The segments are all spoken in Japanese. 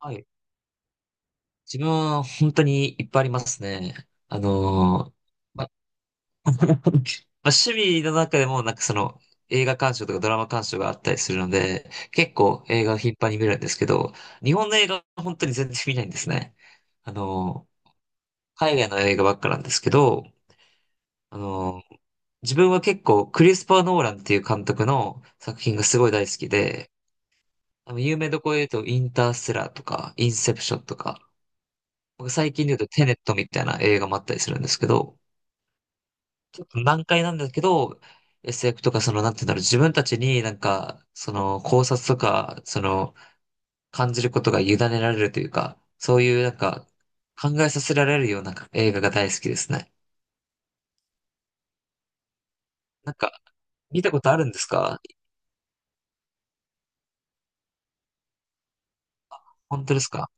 はい。自分は本当にいっぱいありますね。あのーま、ま趣味の中でもなんか映画鑑賞とかドラマ鑑賞があったりするので、結構映画を頻繁に見るんですけど、日本の映画は本当に全然見ないんですね。あのー海外の映画ばっかなんですけど、あのー自分は結構クリスパー・ノーランっていう監督の作品がすごい大好きで、あの有名どころで言うとインターステラーとかインセプションとか、僕最近で言うとテネットみたいな映画もあったりするんですけど、ちょっと難解なんですけど、SF とかその、なんていうんだろう、自分たちになんか、その考察とか、その感じることが委ねられるというか、そういうなんか考えさせられるような映画が大好きですね。なんか、見たことあるんですか？本当ですか？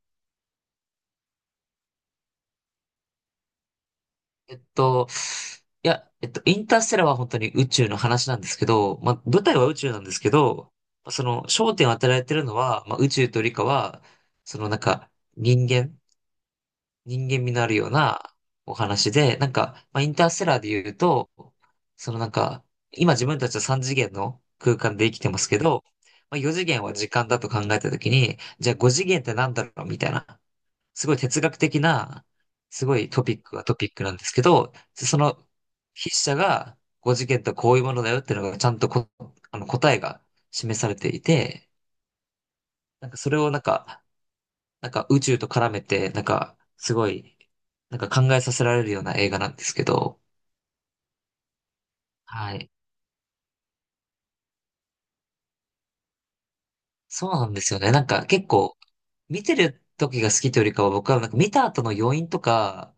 えっと、いや、えっと、インターステラーは本当に宇宙の話なんですけど、まあ、舞台は宇宙なんですけど、まあその焦点を当てられてるのは、まあ、宇宙と理科は、そのなんか人間、人間味のあるようなお話で、なんか、まあ、インターステラーで言うと、そのなんか、今自分たちは3次元の空間で生きてますけど、まあ、4次元は時間だと考えたときに、じゃあ5次元ってなんだろうみたいな。すごい哲学的な、すごいトピックはトピックなんですけど、その筆者が5次元とはこういうものだよっていうのがちゃんとこ、あの答えが示されていて、なんかそれをなんか、なんか宇宙と絡めて、なんかすごい、なんか考えさせられるような映画なんですけど、はい。そうなんですよね。なんか結構、見てる時が好きというよりかは僕はなんか見た後の余韻とか、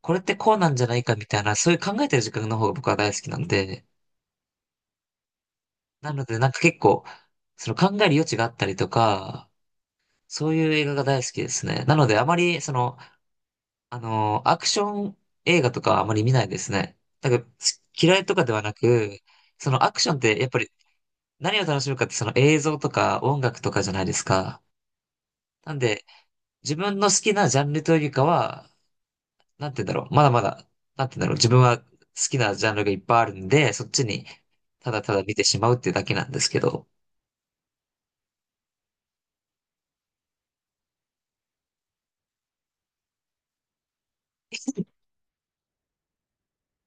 これってこうなんじゃないかみたいな、そういう考えてる時間の方が僕は大好きなんで、なので、なんか結構、その考える余地があったりとか、そういう映画が大好きですね。なので、あまり、その、アクション映画とかあまり見ないですね。なんか、す嫌いとかではなく、そのアクションってやっぱり何を楽しむかってその映像とか音楽とかじゃないですか。なんで、自分の好きなジャンルというよりかは、なんて言うんだろう、まだまだ、なんて言うんだろう、自分は好きなジャンルがいっぱいあるんで、そっちにただただ見てしまうっていうだけなんですけど、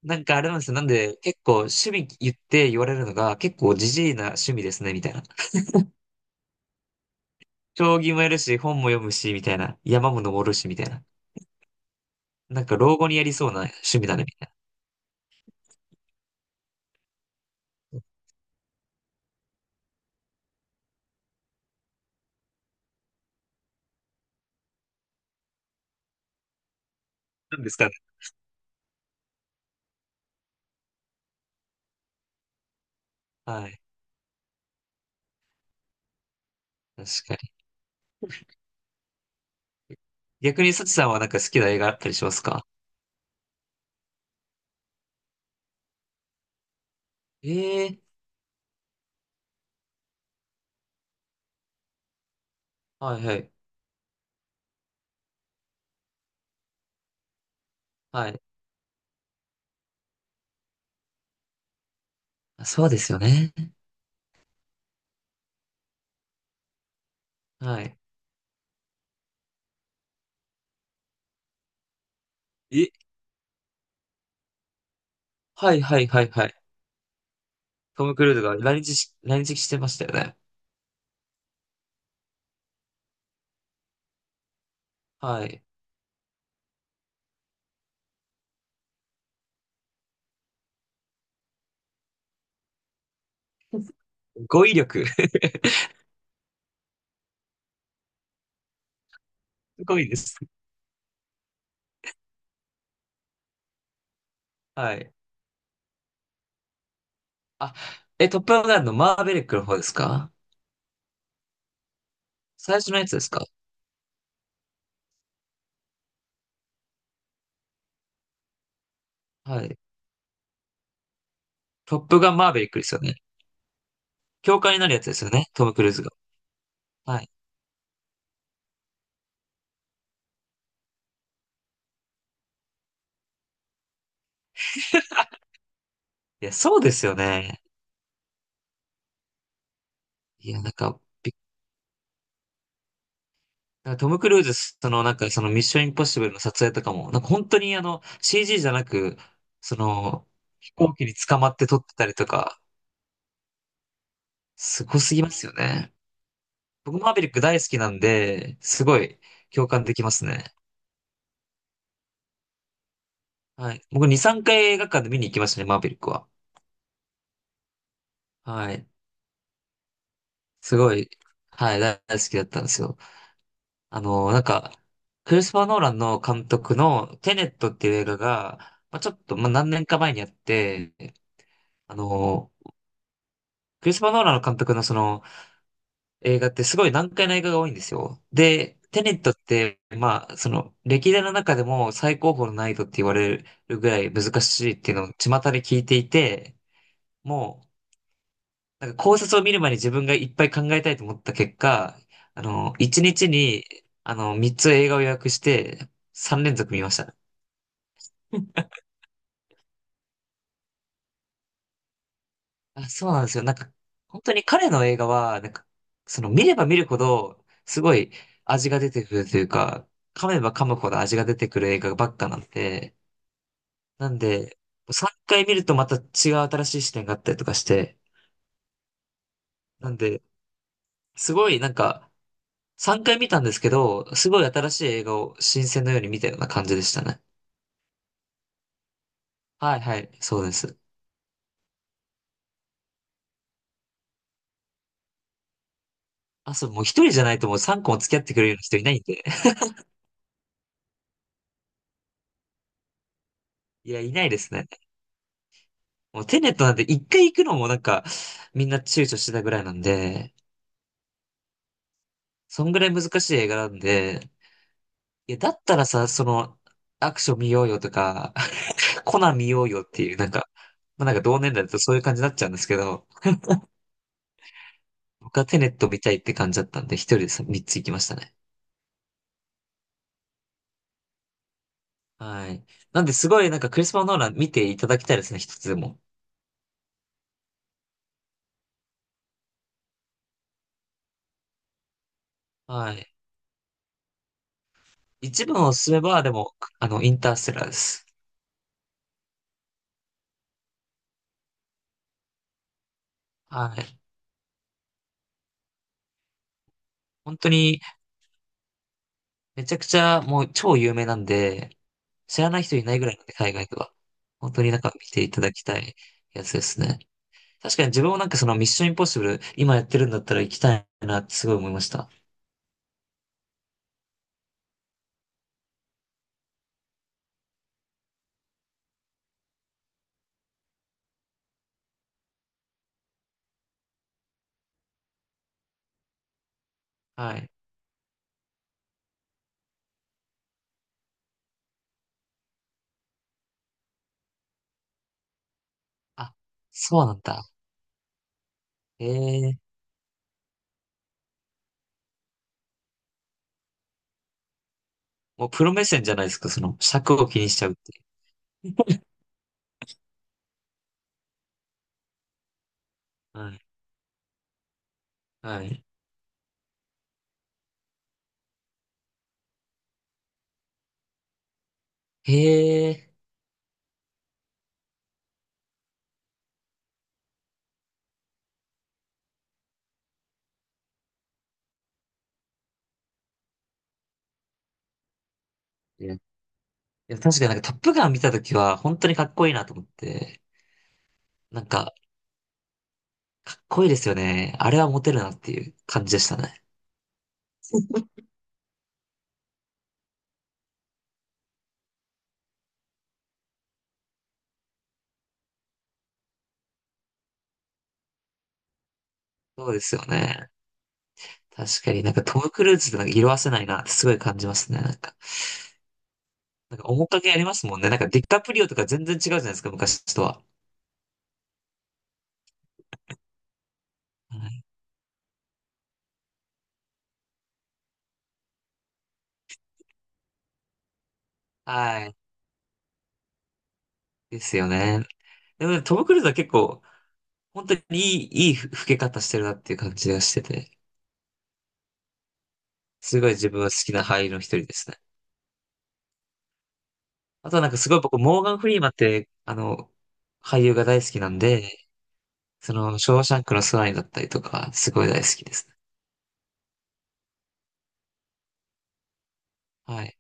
なんかあれなんですよ。なんで、結構趣味言って言われるのが、結構ジジイな趣味ですね、みたいな。将棋もやるし、本も読むし、みたいな。山も登るし、みたいな。なんか老後にやりそうな趣味だね、みたいな。なんですかね。はい。確かに。逆にサチさんはなんか好きな映画あったりしますか？ええー、はいはい。はい。あ、そうですよね。はい。え、はいはいはいはい。トム・クルーズが来日し、来日してましたよね。はい。語彙力。すごいです。はい。あ、え、トップガンのマーベリックの方ですか？最初のやつですか？はい。トップガンマーベリックですよね。教官になるやつですよね。トム・クルーズが。はい。いや、そうですよね。いや、なんか、びなんかトム・クルーズ、その、なんか、その、ミッション・インポッシブルの撮影とかも、なんか、本当に、あの、CG じゃなく、その、飛行機に捕まって撮ってたりとか、すごすぎますよね。僕、マーベリック大好きなんで、すごい、共感できますね。はい。僕、2、3回映画館で見に行きましたね、マーベリックは。はい。すごい、はい、大大好きだったんですよ。あの、なんか、クリスパー・ノーランの監督のテネットっていう映画が、まあ、ちょっと、まあ、何年か前にあって、あの、クリスパー・ノーランの監督のその映画ってすごい難解な映画が多いんですよ。で、テネットって、まあ、その、歴代の中でも最高峰の難易度って言われるぐらい難しいっていうのを巷で聞いていて、もう、なんか考察を見る前に自分がいっぱい考えたいと思った結果、あの、1日にちに、あの、3つ映画を予約して、3連続見ました。うん。あ、そうなんですよ。なんか、本当に彼の映画は、なんか、その見れば見るほど、すごい味が出てくるというか、噛めば噛むほど味が出てくる映画ばっかなんで、なんで、3回見るとまた違う新しい視点があったりとかして、なんで、すごいなんか、3回見たんですけど、すごい新しい映画を新鮮のように見たような感じでしたね。はいはい、そうです。あ、そう、もう一人じゃないともう三個も付き合ってくれるような人いないんで。いや、いないですね。もうテネットなんて一回行くのもなんか、みんな躊躇してたぐらいなんで、そんぐらい難しい映画なんで、いや、だったらさ、その、アクション見ようよとか、コナン見ようよっていう、なんか、まあなんか同年代だとそういう感じになっちゃうんですけど、僕はテネット見たいって感じだったんで、一人でさ三つ行きましたね。はい。なんで、すごいなんかクリスマ・ノーラン見ていただきたいですね、一つでも。はい。一部のおすすめは、でも、あの、インターステラーです。はい。本当に、めちゃくちゃ、もう超有名なんで、知らない人いないぐらいなんで、海外では。本当になんか見ていただきたいやつですね。確かに自分もなんかそのミッションインポッシブル、今やってるんだったら行きたいなってすごい思いました。はい。あ、そうなんだ。へえ。もうプロ目線じゃないですか、その尺を気にしちゃうっていう。はい。はい。へえ。いや、いや確かになんかトップガン見たときは、本当にかっこいいなと思って、なんか、かっこいいですよね。あれはモテるなっていう感じでしたね。そうですよね。確かになんかトム・クルーズってなんか色褪せないなってすごい感じますね。なんか、なんか面影ありますもんね。なんかディカプリオとか全然違うじゃないですか、昔とは。はい。はい。ですよね。でもねトム・クルーズは結構、本当にいい、いい老け方してるなっていう感じがしてて、すごい自分は好きな俳優の一人ですね。あとはなんかすごい僕、モーガン・フリーマンって、あの、俳優が大好きなんで、その、ショーシャンクの空にだったりとか、すごい大好きですね。はい。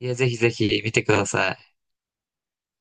いや、ぜひぜひ見てください。